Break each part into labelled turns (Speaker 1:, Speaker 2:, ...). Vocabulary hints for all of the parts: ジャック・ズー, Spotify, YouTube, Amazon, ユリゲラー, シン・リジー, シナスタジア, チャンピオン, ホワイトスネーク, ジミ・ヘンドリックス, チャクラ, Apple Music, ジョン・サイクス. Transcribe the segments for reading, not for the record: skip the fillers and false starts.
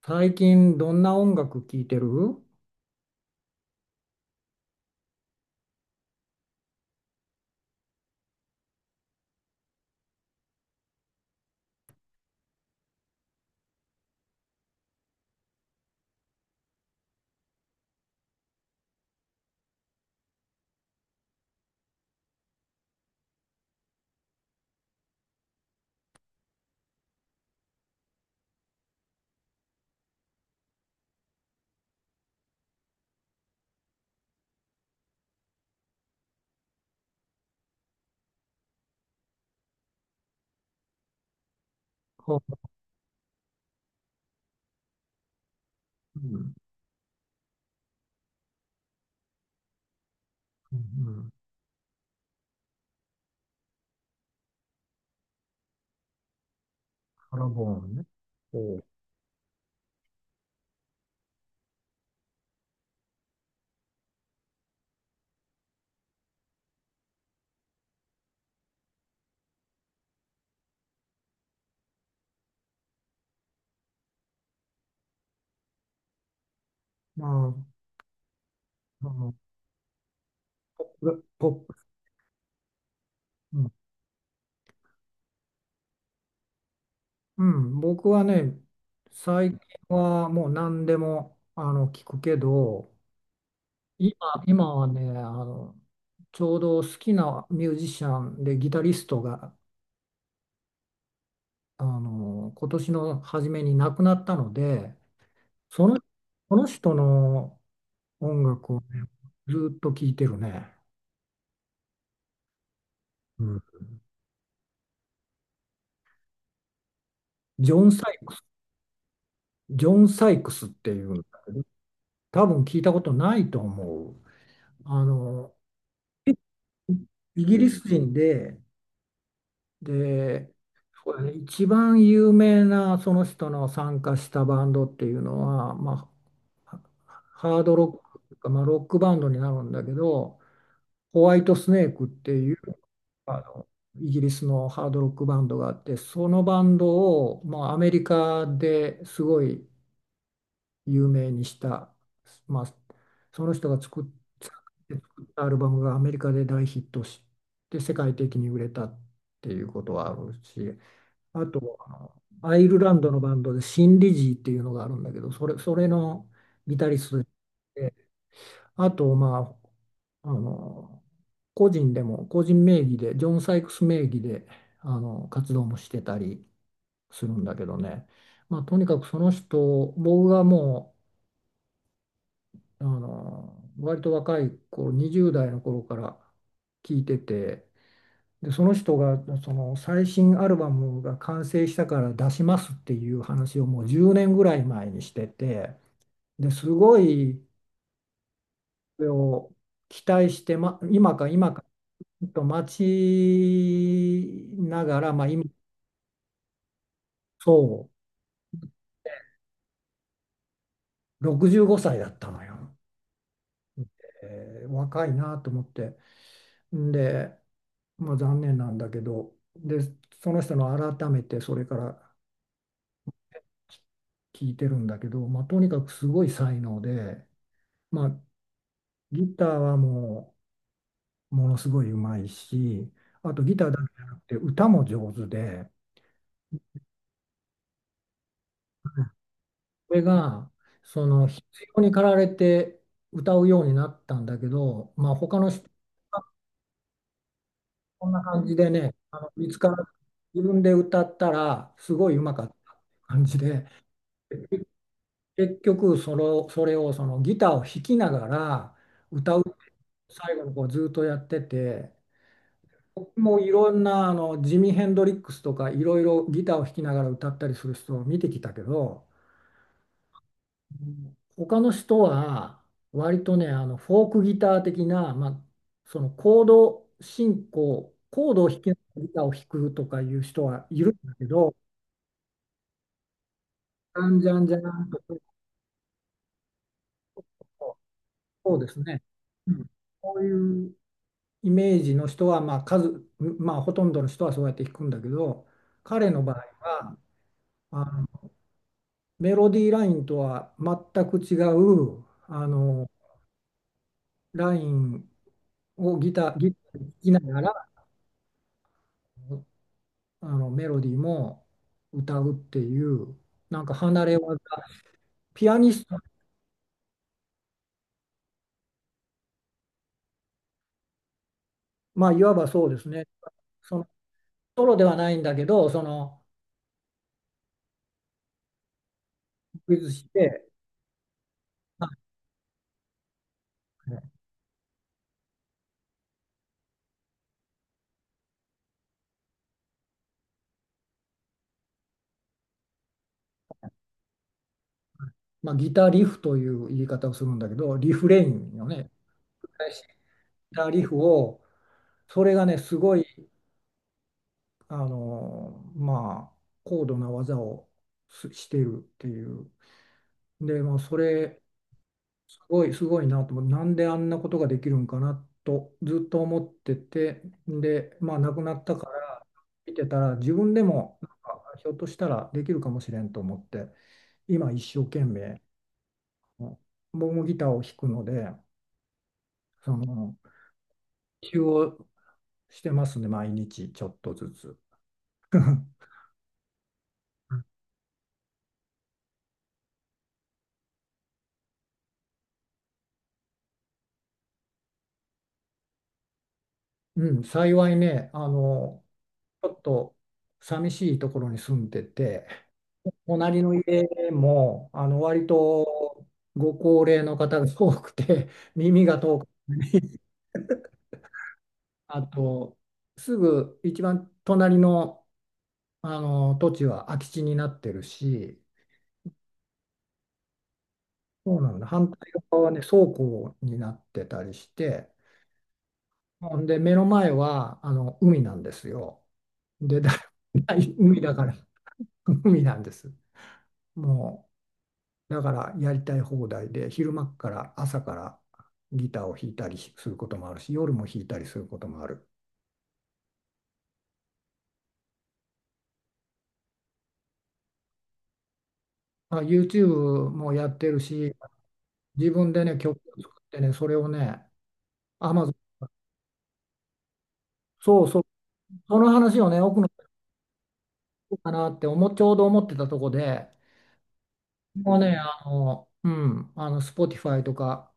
Speaker 1: 最近どんな音楽聴いてる？ほう。うん、うん。カラボーンね。おう。まあ、まあの、ポップ、うん、うん、僕はね、最近はもう何でも聞くけど、今、今はね、あの、ちょうど好きなミュージシャンでギタリストが、あの、今年の初めに亡くなったので、その、その人の音楽をね、ずっと聴いてるね。うん。ジョン・サジョン・サイクスっていうんだけど、多分聞いたことないと思う。あの、イギリス人で、で、そうだね、一番有名なその人の参加したバンドっていうのは、まあ、ハードロックとか、まあ、ロックバンドになるんだけど、ホワイトスネークっていうあのイギリスのハードロックバンドがあって、そのバンドを、まあ、アメリカですごい有名にした、まあ、その人が作作ったアルバムがアメリカで大ヒットして世界的に売れたっていうことはあるし、あとあのアイルランドのバンドでシン・リジーっていうのがあるんだけど、それのギタリストで、あとまあ、あの、個人でも個人名義でジョン・サイクス名義であの活動もしてたりするんだけどね。まあ、とにかくその人、僕があの割と若い頃、20代の頃から聞いてて、でその人が、その最新アルバムが完成したから出しますっていう話をもう10年ぐらい前にしてて、ですごいそれを期待して、ま、今か今かと待ちながら、まあ、今そう65歳だったのよ。えー、若いなと思って。んで、まあ、残念なんだけど、で、その人の改めてそれから聞いてるんだけど、まあ、とにかくすごい才能で、まあ、ギターはもうものすごい上手いし、あとギターだけじゃなくて歌も上手で、それがその必要に駆られて歌うようになったんだけど、まあ、他の人はこんな感じでね、あの見つから自分で歌ったらすごいうまかった感じで。結局それをそのギターを弾きながら歌う最後のこうずっとやってて、僕もいろんなあのジミ・ヘンドリックスとかいろいろギターを弾きながら歌ったりする人を見てきたけど、うん、他の人は割とね、あのフォークギター的な、まあ、そのコードを弾きながらギターを弾くとかいう人はいるんだけど、じゃんじゃんじゃんと、そうですね、うん、こういうイメージの人は、まあ数、まあ、ほとんどの人はそうやって弾くんだけど、彼の場合は、あの、メロディーラインとは全く違う、あの、ラインをギターで弾きながら、あの、メロディーも歌うっていう、なんか離れ技、ピアニスト、まあ、いわばそうですね。その、ソロではないんだけど、その、クイズして、まあまあ、ギターリフという言い方をするんだけど、リフレインよね。たリフを、それがねすごい、あの、まあ高度な技をすしているっていう。でまあそれすごい、すごいなと思う、なんであんなことができるんかなとずっと思ってて、でまあ亡くなったから見てたら、自分でもなんかひょっとしたらできるかもしれんと思って、今一生懸命、ボん僕もギターを弾くので、その練習をしてますね、毎日ちょっとずつ。うん、幸いね、あの、ちょっと寂しいところに住んでて、隣の家も、あの、割とご高齢の方が多くて、耳が遠くて、あと、すぐ一番隣の、あの土地は空き地になってるし、そうなんだ、反対側はね、倉庫になってたりして、ほんで、目の前は、あの、海なんですよ。で、 海だから、海なんです。もうだからやりたい放題で、昼間から朝からギターを弾いたりすることもあるし、夜も弾いたりすることもある。まあ、YouTube もやってるし、自分でね、曲を作ってね、それをね、Amazon、そうそう、その話をね、奥の人かなって思、ちょうど思ってたとこで、もうね、あの、うん、あの、Spotify とか、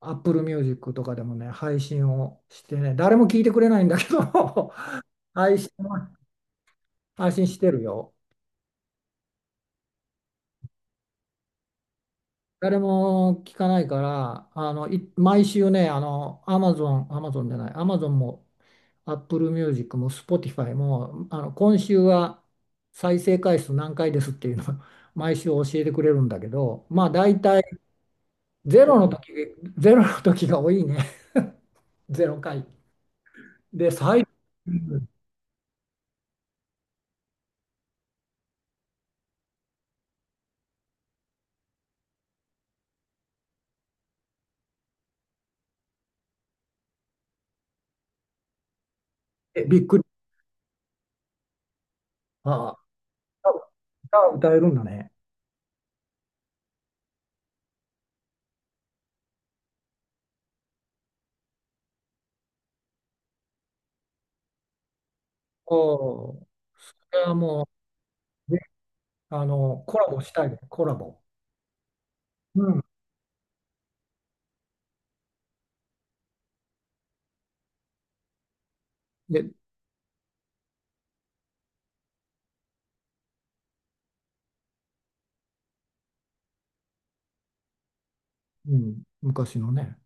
Speaker 1: Apple Music とかでもね、配信をしてね、誰も聞いてくれないんだけど、配信は、配信してるよ。誰も聞かないから、あの、毎週ね、あの、アマゾンも、アップルミュージックも、スポティファイも、あの、今週は再生回数何回ですっていうのを 毎週教えてくれるんだけど、まあ、大体、ゼロの時、ゼロの時が多いね。ゼロ回。で、最低、びっくり。ああ、歌を歌えるんだね。おお、それはもう、ね、あの、コラボしたいね、コラボ。うん。で、うん、昔のね。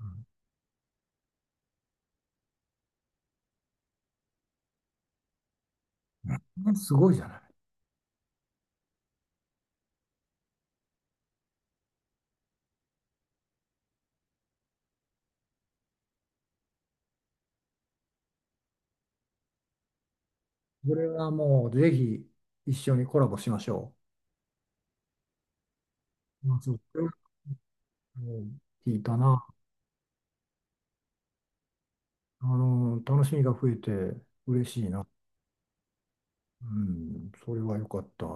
Speaker 1: うん、すごいじゃない。これはもうぜひ一緒にコラボしましょう。あそう、うん、聞いたな。あの、楽しみが増えて嬉しいな。うん、それは良かった。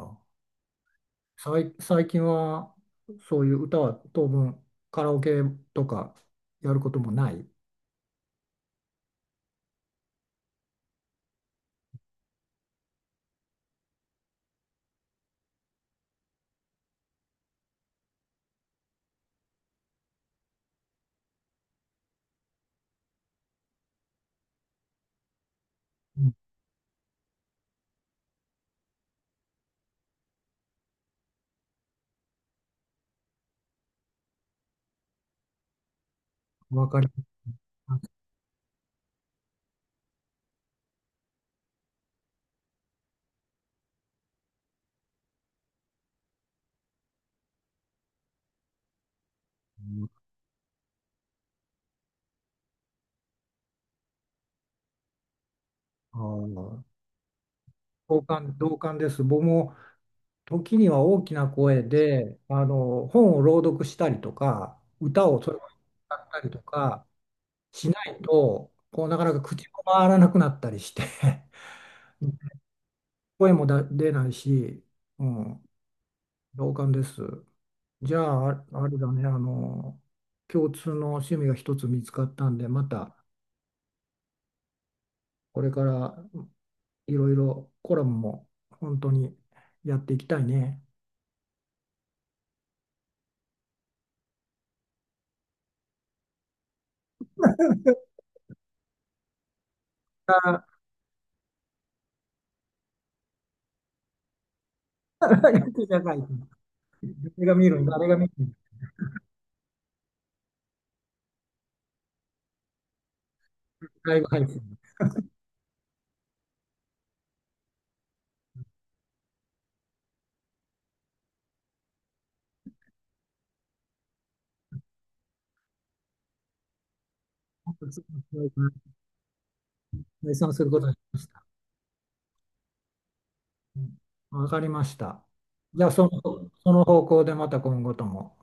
Speaker 1: 最近はそういう歌は当分カラオケとかやることもない。うん、わかります。あー、同感、同感です。僕も時には大きな声であの本を朗読したりとか歌をそれこそ歌ったりとかしないと、こうなかなか口も回らなくなったりして、 声も出ないし、うん、同感です。じゃあ、ああれだね、あの共通の趣味が一つ見つかったんで、またこれからいろいろコラムも本当にやっていきたいね。あ、じゃあ誰が見るん、ライブ配信。解散することにしました。うん、わかりました。じゃあ、その、その方向でまた今後とも。